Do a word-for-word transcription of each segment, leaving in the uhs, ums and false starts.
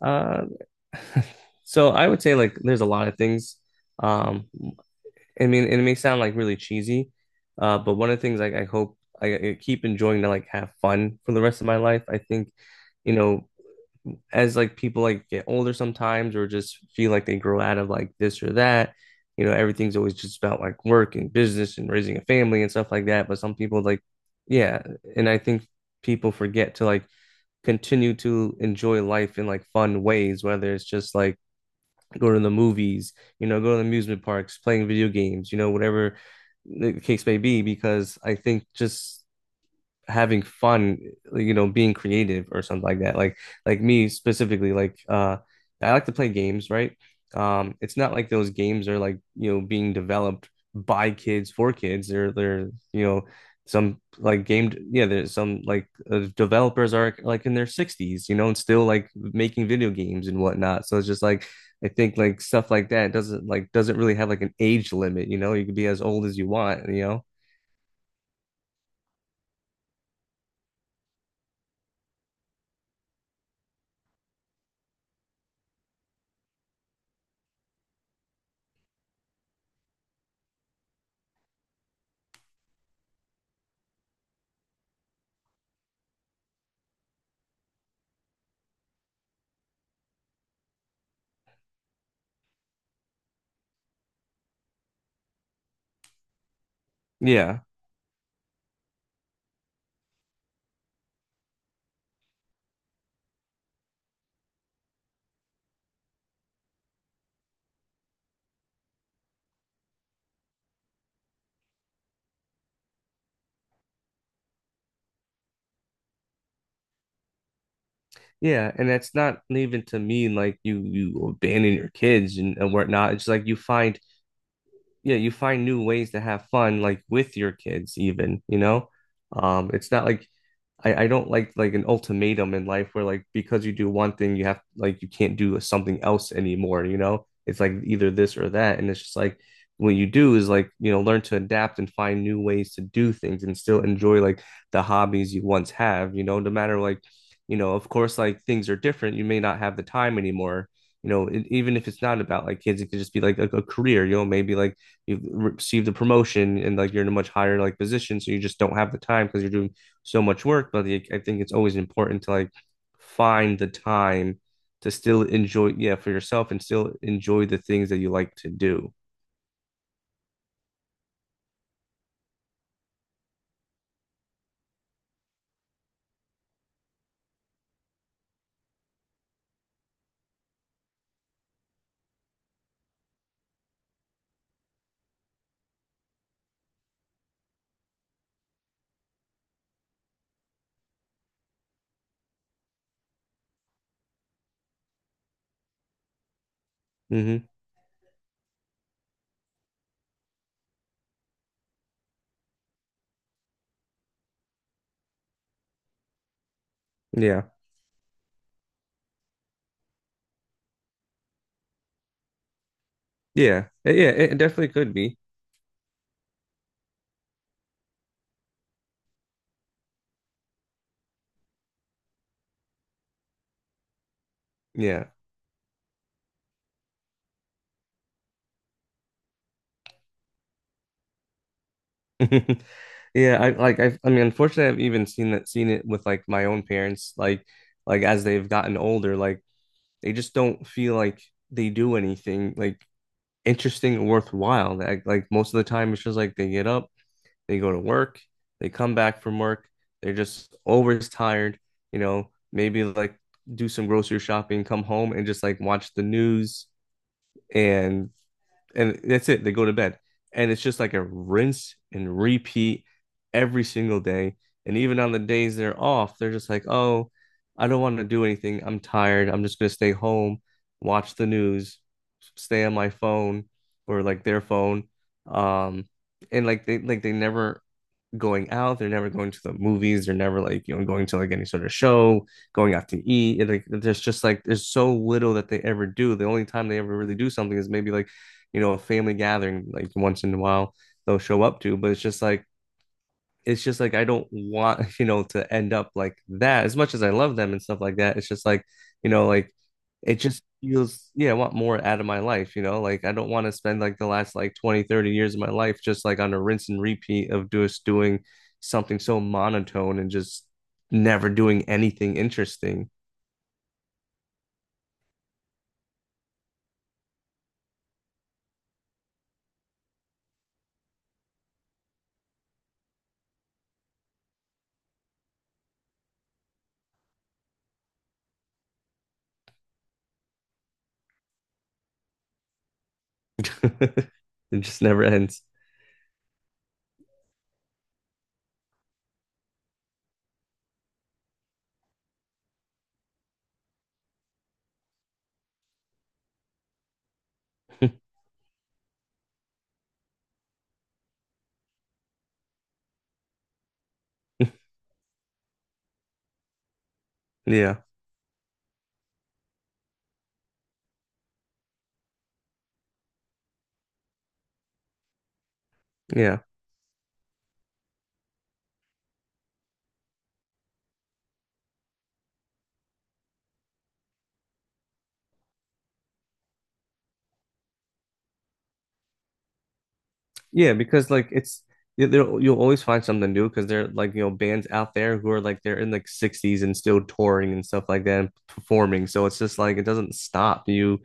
Uh, so I would say like there's a lot of things. Um, I mean, it may sound like really cheesy, uh, but one of the things like I hope I, I keep enjoying to like have fun for the rest of my life. I think, you know, as like people like get older sometimes or just feel like they grow out of like this or that, you know, everything's always just about like work and business and raising a family and stuff like that. But some people like, yeah, and I think people forget to like continue to enjoy life in like fun ways, whether it's just like go to the movies, you know, go to the amusement parks, playing video games, you know, whatever the case may be, because I think just having fun, you know, being creative or something like that. Like like me specifically, like uh I like to play games, right? Um, it's not like those games are like, you know, being developed by kids for kids. They're they're, you know, some like game yeah, there's some like uh, developers are like in their sixties, you know, and still like making video games and whatnot. So it's just like I think like stuff like that doesn't like doesn't really have like an age limit, you know. You can be as old as you want, you know. Yeah. Yeah, and that's not even to mean like you you abandon your kids and, and whatnot. It's like you find yeah, you find new ways to have fun like with your kids even, you know? Um, it's not like I, I don't like like an ultimatum in life where like because you do one thing you have like you can't do something else anymore, you know? It's like either this or that. And it's just like what you do is like, you know, learn to adapt and find new ways to do things and still enjoy like the hobbies you once have, you know, no matter like, you know, of course, like things are different. You may not have the time anymore. You know, it, even if it's not about like kids, it could just be like a, a career, you know, maybe like you've received a promotion and like you're in a much higher like position. So you just don't have the time because you're doing so much work, but like, I think it's always important to like find the time to still enjoy, yeah, for yourself and still enjoy the things that you like to do. Hmm. Yeah. Yeah. Eh, yeah. It it definitely could be. Yeah. Yeah. I like, I've, I mean, unfortunately, I've even seen that, seen it with like my own parents, like, like as they've gotten older, like they just don't feel like they do anything like interesting or worthwhile. Like, like most of the time, it's just like they get up. They go to work, they come back from work, they're just always tired, you know, maybe like do some grocery shopping, come home and just like watch the news and and that's it. They go to bed. And it's just like a rinse and repeat every single day. And even on the days they're off, they're just like, oh, I don't want to do anything. I'm tired. I'm just gonna stay home, watch the news, stay on my phone or like their phone. Um, and like they like they never going out. They're never going to the movies. They're never like you know going to like any sort of show, going out to eat. It, like there's just like there's so little that they ever do. The only time they ever really do something is maybe like you know a family gathering like once in a while they'll show up to, but it's just like it's just like I don't want, you know, to end up like that. As much as I love them and stuff like that, it's just like, you know, like it just feels, yeah, I want more out of my life, you know? Like I don't want to spend like the last like twenty, thirty years of my life just like on a rinse and repeat of just doing something so monotone and just never doing anything interesting. It just never ends. Yeah. Yeah. Yeah, because like it's you- there- you'll always find something new because there are like you know bands out there who are like they're in like sixties and still touring and stuff like that and performing. So it's just like it doesn't stop. You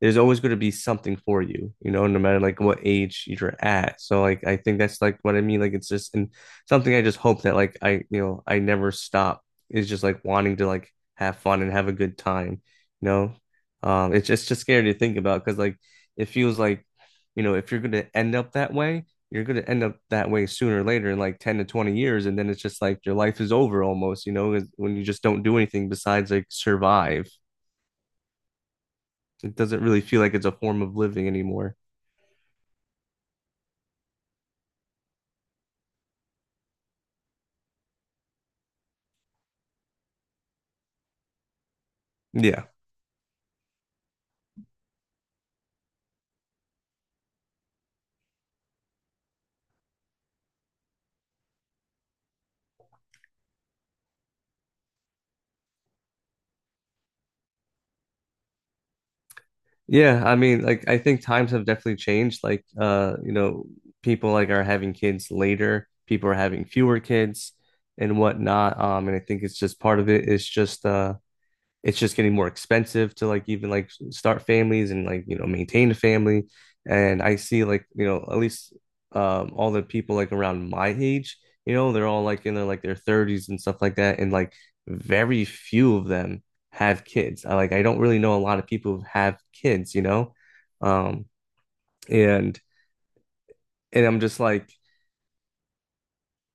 there's always going to be something for you, you know, no matter like what age you're at. So like I think that's like what I mean. Like it's just and something I just hope that like I you know I never stop is just like wanting to like have fun and have a good time, you know. Um, it's just it's just scary to think about because like it feels like you know if you're going to end up that way, you're going to end up that way sooner or later in like ten to twenty years and then it's just like your life is over almost you know, when you just don't do anything besides like survive it doesn't really feel like it's a form of living anymore. Yeah. Yeah, I mean, like I think times have definitely changed. Like uh, you know, people like are having kids later, people are having fewer kids and whatnot. Um, and I think it's just part of it. It's just uh it's just getting more expensive to like even like start families and like you know maintain a family and I see like you know at least um all the people like around my age you know they're all like in their like their thirties and stuff like that and like very few of them have kids I like I don't really know a lot of people who have kids you know um and and I'm just like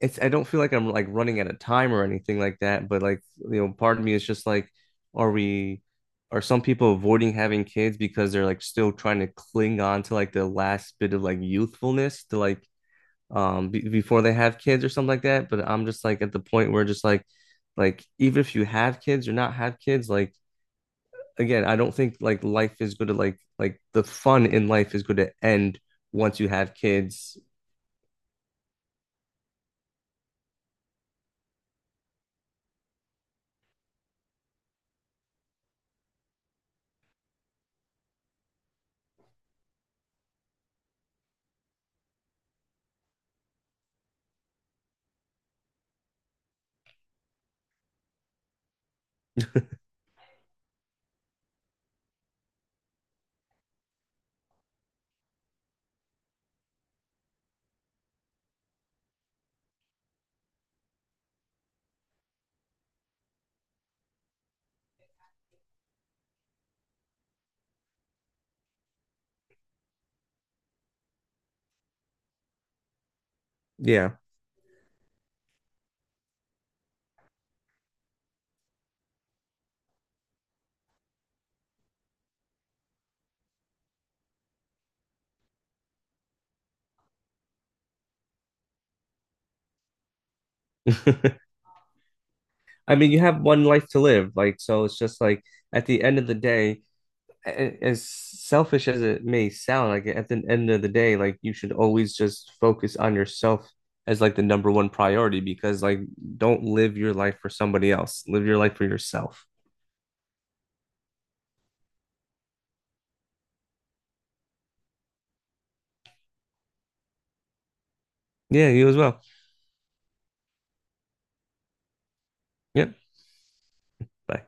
it's I don't feel like I'm like running out of time or anything like that, but like you know, part of me is just like, are we are some people avoiding having kids because they're like still trying to cling on to like the last bit of like youthfulness to like um be before they have kids or something like that. But I'm just like at the point where just like like even if you have kids or not have kids, like again, I don't think like life is going to like like the fun in life is going to end once you have kids. Yeah. I mean, you have one life to live, like so it's just like at the end of the day, a- as selfish as it may sound, like at the end of the day, like you should always just focus on yourself as like the number one priority because like don't live your life for somebody else. Live your life for yourself. Yeah, you as well. Yep. Bye.